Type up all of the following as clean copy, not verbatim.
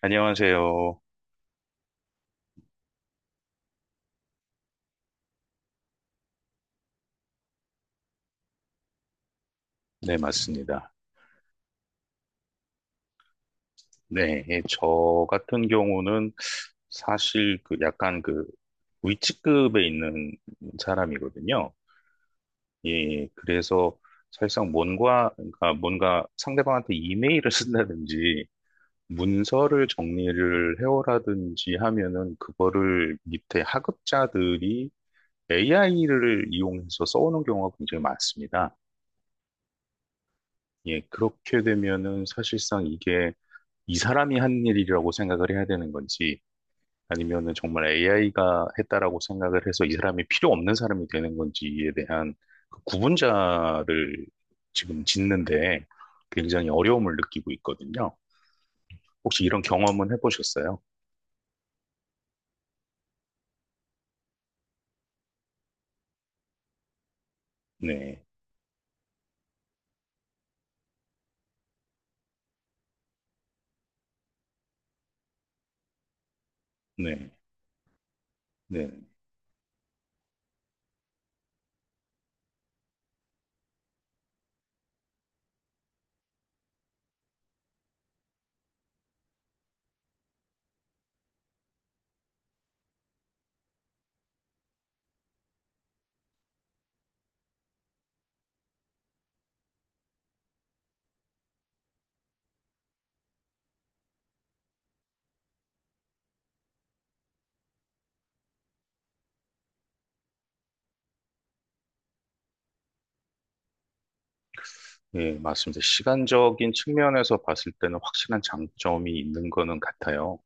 안녕하세요. 네, 맞습니다. 네, 예, 저 같은 경우는 사실 그 약간 그 위치급에 있는 사람이거든요. 예, 예. 그래서 사실상 뭔가, 그러니까 뭔가 상대방한테 이메일을 쓴다든지 문서를 정리를 해오라든지 하면은 그거를 밑에 하급자들이 AI를 이용해서 써오는 경우가 굉장히 많습니다. 예, 그렇게 되면은 사실상 이게 이 사람이 한 일이라고 생각을 해야 되는 건지 아니면은 정말 AI가 했다라고 생각을 해서 이 사람이 필요 없는 사람이 되는 건지에 대한 그 구분자를 지금 짓는데 굉장히 어려움을 느끼고 있거든요. 혹시 이런 경험은 해보셨어요? 네, 네, 네. 네, 맞습니다. 시간적인 측면에서 봤을 때는 확실한 장점이 있는 거는 같아요.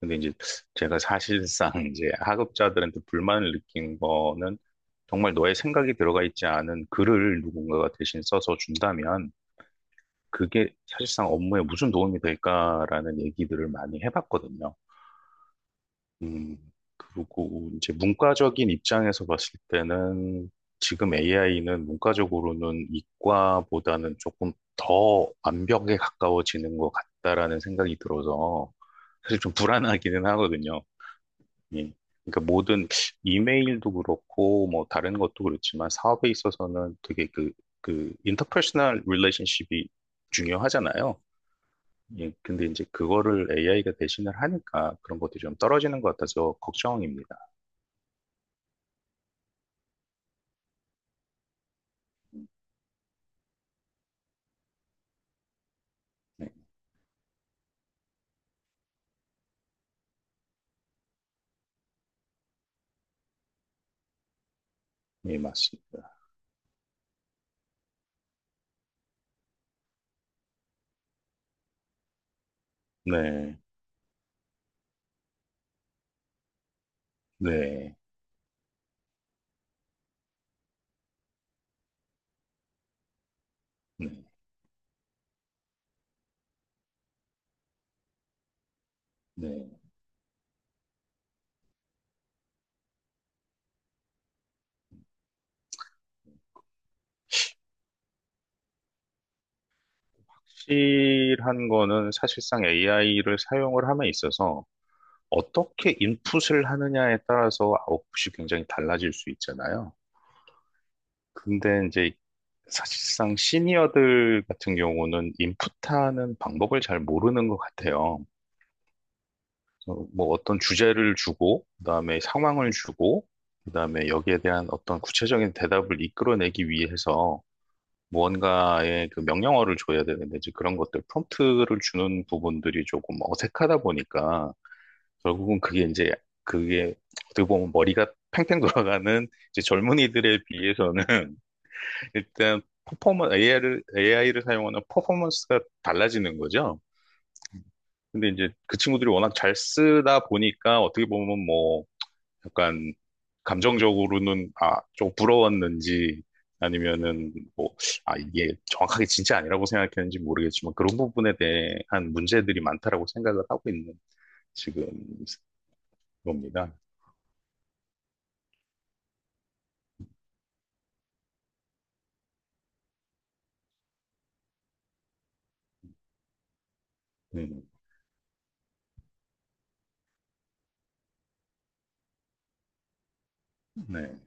근데 이제 제가 사실상 이제 학업자들한테 불만을 느낀 거는 정말 너의 생각이 들어가 있지 않은 글을 누군가가 대신 써서 준다면 그게 사실상 업무에 무슨 도움이 될까라는 얘기들을 많이 해봤거든요. 음, 그리고 이제 문과적인 입장에서 봤을 때는 지금 AI는 문과적으로는 이과보다는 조금 더 완벽에 가까워지는 것 같다라는 생각이 들어서 사실 좀 불안하기는 하거든요. 예. 그러니까 모든 이메일도 그렇고 뭐 다른 것도 그렇지만 사업에 있어서는 되게 그 인터퍼스널 릴레이션십이 중요하잖아요. 예. 근데 이제 그거를 AI가 대신을 하니까 그런 것들이 좀 떨어지는 것 같아서 걱정입니다. 네. 예, 맞습니다. 네. 네. 네. 네. 실한 거는 사실상 AI를 사용을 함에 있어서 어떻게 인풋을 하느냐에 따라서 아웃풋이 굉장히 달라질 수 있잖아요. 근데 이제 사실상 시니어들 같은 경우는 인풋하는 방법을 잘 모르는 것 같아요. 뭐 어떤 주제를 주고, 그다음에 상황을 주고, 그다음에 여기에 대한 어떤 구체적인 대답을 이끌어내기 위해서 무언가의 그 명령어를 줘야 되는데 이제 그런 것들 프롬프트를 주는 부분들이 조금 어색하다 보니까 결국은 그게 이제 그게 어떻게 보면 머리가 팽팽 돌아가는 이제 젊은이들에 비해서는 일단 퍼포먼 AI를 사용하는 퍼포먼스가 달라지는 거죠. 근데 이제 그 친구들이 워낙 잘 쓰다 보니까 어떻게 보면 뭐 약간 감정적으로는 아, 좀 부러웠는지 아니면은 뭐 아, 이게 정확하게 진짜 아니라고 생각했는지 모르겠지만 그런 부분에 대한 문제들이 많다라고 생각을 하고 있는 지금 겁니다. 음, 네,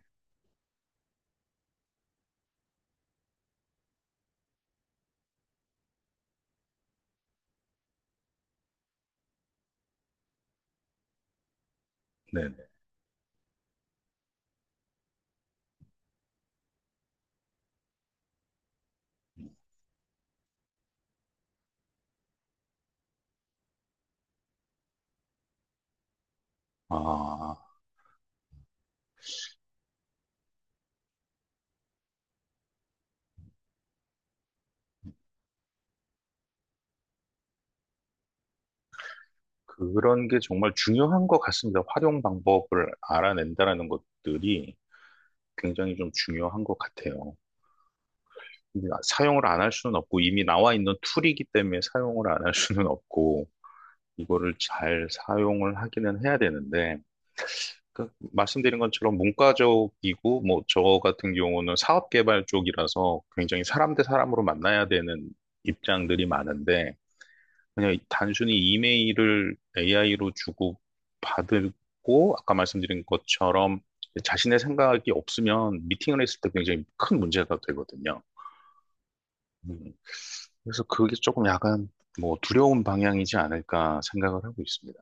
네, 네. 아. 그런 게 정말 중요한 것 같습니다. 활용 방법을 알아낸다라는 것들이 굉장히 좀 중요한 것 같아요. 근데 사용을 안 할 수는 없고 이미 나와 있는 툴이기 때문에 사용을 안 할 수는 없고 이거를 잘 사용을 하기는 해야 되는데 그 말씀드린 것처럼 문과적이고 뭐 저 같은 경우는 사업 개발 쪽이라서 굉장히 사람 대 사람으로 만나야 되는 입장들이 많은데 그냥 단순히 이메일을 AI로 주고 받고 아까 말씀드린 것처럼 자신의 생각이 없으면 미팅을 했을 때 굉장히 큰 문제가 되거든요. 음, 그래서 그게 조금 약간 뭐 두려운 방향이지 않을까 생각을 하고 있습니다.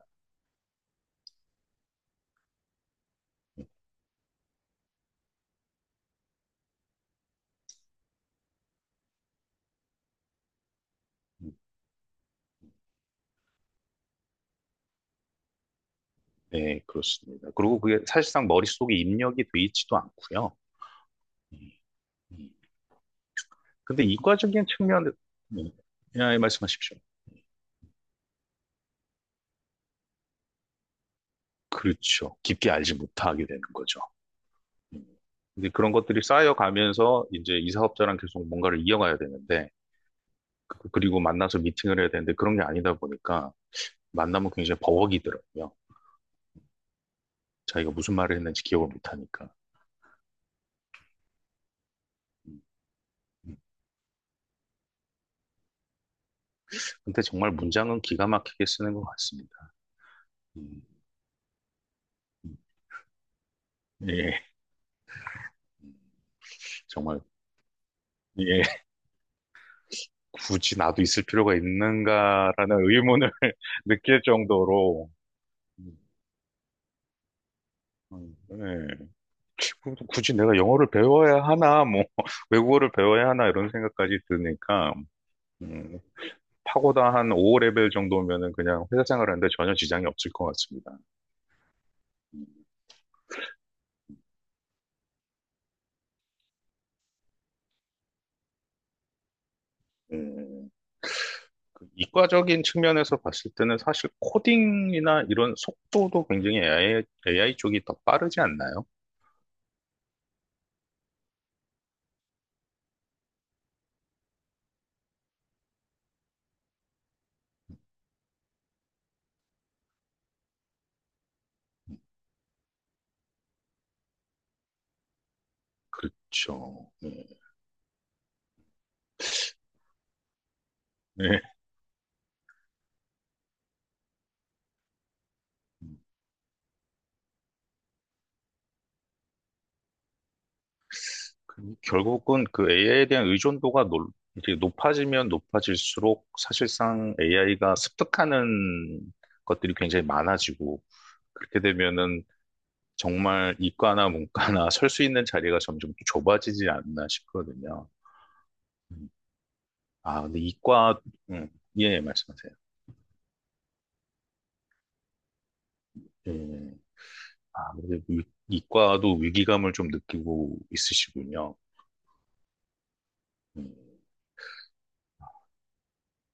음, 네, 그렇습니다. 그리고 그게 사실상 머릿속에 입력이 돼 있지도 않고요. 음, 근데 이과적인 측면에 음, 네, 예, 말씀하십시오. 그렇죠. 깊게 알지 못하게 되는 거죠. 이제 그런 것들이 쌓여가면서 이제 이 사업자랑 계속 뭔가를 이어가야 되는데, 그리고 만나서 미팅을 해야 되는데 그런 게 아니다 보니까 만나면 굉장히 버벅이더라고요. 자기가 무슨 말을 했는지 기억을 못 하니까. 음, 음. 근데 정말 문장은 기가 막히게 쓰는 것 같습니다. 음, 음. 예, 정말, 예, 굳이 나도 있을 필요가 있는가라는 의문을 느낄 정도로, 음, 예. 그럼 굳이 내가 영어를 배워야 하나, 뭐, 외국어를 배워야 하나, 이런 생각까지 드니까, 음, 파고다 한 5레벨 정도면은 그냥 회사 생활하는데 전혀 지장이 없을 것 같습니다. 음, 그 이과적인 측면에서 봤을 때는 사실 코딩이나 이런 속도도 굉장히 AI, 쪽이 더 빠르지 않나요? 그렇죠. 네. 네. 그 결국은 그 AI에 대한 의존도가 이렇게 높아지면 높아질수록 사실상 AI가 습득하는 것들이 굉장히 많아지고 그렇게 되면은 정말 이과나 문과나 설 수 있는 자리가 점점 좁아지지 않나 싶거든요. 음. 아, 근데 이과, 음, 예, 예, 말씀하세요. 예. 아, 근데 이과도 위기감을 좀 느끼고 있으시군요. 음,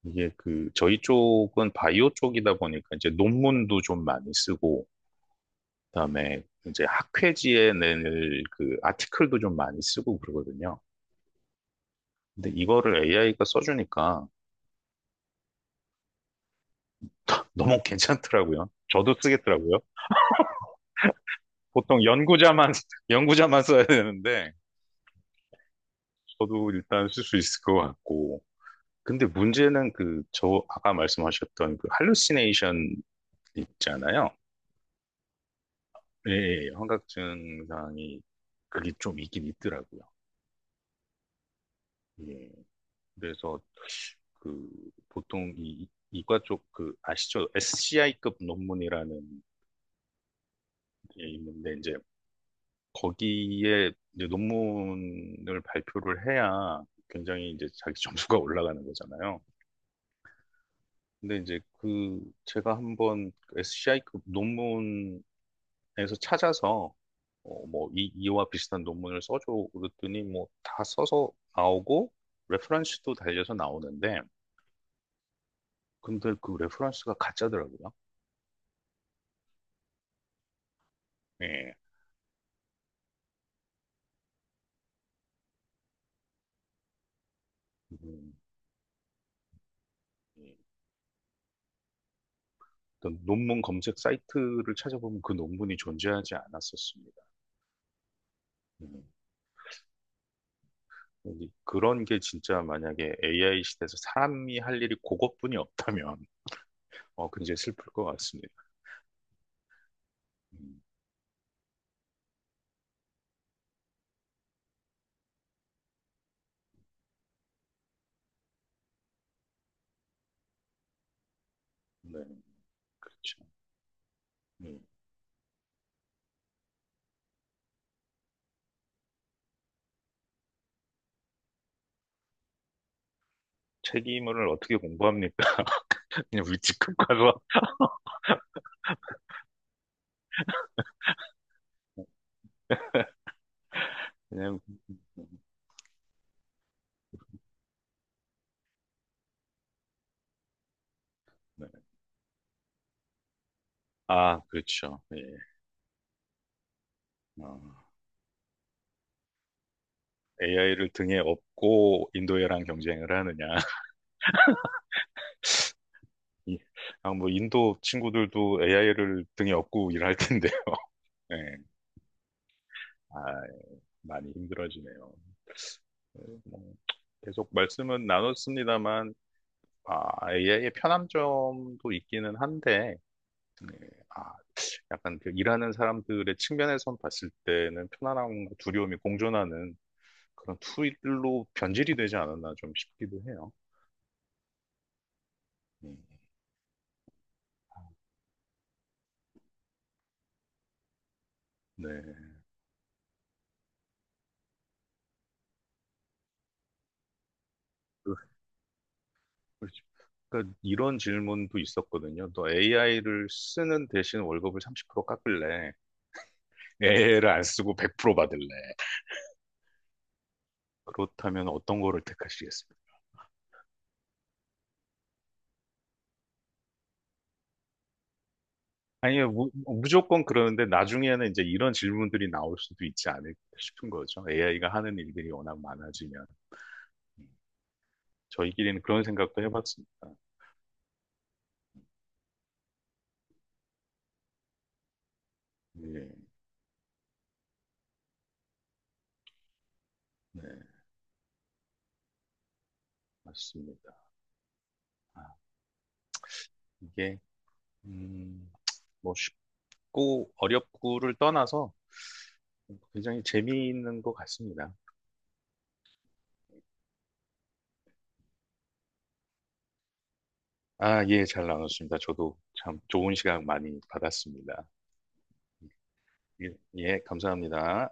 이게 그, 저희 쪽은 바이오 쪽이다 보니까 이제 논문도 좀 많이 쓰고, 그다음에 이제 학회지에 낼 그 아티클도 좀 많이 쓰고 그러거든요. 근데 이거를 AI가 써주니까 너무 괜찮더라고요. 저도 쓰겠더라고요. 보통 연구자만, 연구자만 써야 되는데, 저도 일단 쓸 수 있을 것 같고. 근데 문제는 그, 저, 아까 말씀하셨던 그, 할루시네이션 있잖아요. 예, 예, 환각 증상이, 그게 좀 있긴 있더라고요. 예. 그래서, 그, 보통 이과 쪽 그, 아시죠? SCI급 논문이라는 게 있는데, 이제, 거기에 이제 논문을 발표를 해야 굉장히 이제 자기 점수가 올라가는 거잖아요. 근데 이제 그 제가 한번 SCI급 논문에서 찾아서 뭐 이와 비슷한 논문을 써줘 그랬더니 뭐 다 써서 나오고 레퍼런스도 달려서 나오는데 근데 그 레퍼런스가 가짜더라고요. 예. 음, 예. 어떤 논문 검색 사이트를 찾아보면 그 논문이 존재하지 않았었습니다. 음. 근데 그런 게 진짜 만약에 AI 시대에서 사람이 할 일이 그것뿐이 없다면 굉장히 슬플 것 같습니다. 음, 네. 그렇죠. 음, 책임을 어떻게 공부합니까? 그냥 위치급 가서 그냥 네. 아 그렇죠. 예. AI를 등에 업고 인도애랑 경쟁을 하느냐? 이- 아, 뭐 인도 친구들도 AI를 등에 업고 일할 텐데, 예. 아, 많이 힘들어지네요. 예, 뭐, 계속 말씀은 나눴습니다만, 아, AI의 편함점도 있기는 한데. 네. 아, 약간 그 일하는 사람들의 측면에선 봤을 때는 편안함과 두려움이 공존하는 그런 투일로 변질이 되지 않았나 좀 싶기도 해요. 음, 네. 그- 그- 그러니까 이런 질문도 있었거든요. 또 AI를 쓰는 대신 월급을 30% 깎을래? AI를 안 쓰고 100% 받을래? 그렇다면 어떤 거를 택하시겠습니까? 아니, 무조건 그러는데 나중에는 이제 이런 질문들이 나올 수도 있지 않을까 싶은 거죠. AI가 하는 일들이 워낙 많아지면. 저희끼리는 그런 생각도 해봤습니다. 예, 네, 맞습니다. 아, 이게, 음, 뭐 쉽고 어렵고를 떠나서 굉장히 재미있는 것 같습니다. 아, 예, 잘 나눴습니다. 저도 참 좋은 시간 많이 받았습니다. 예, 예, 감사합니다.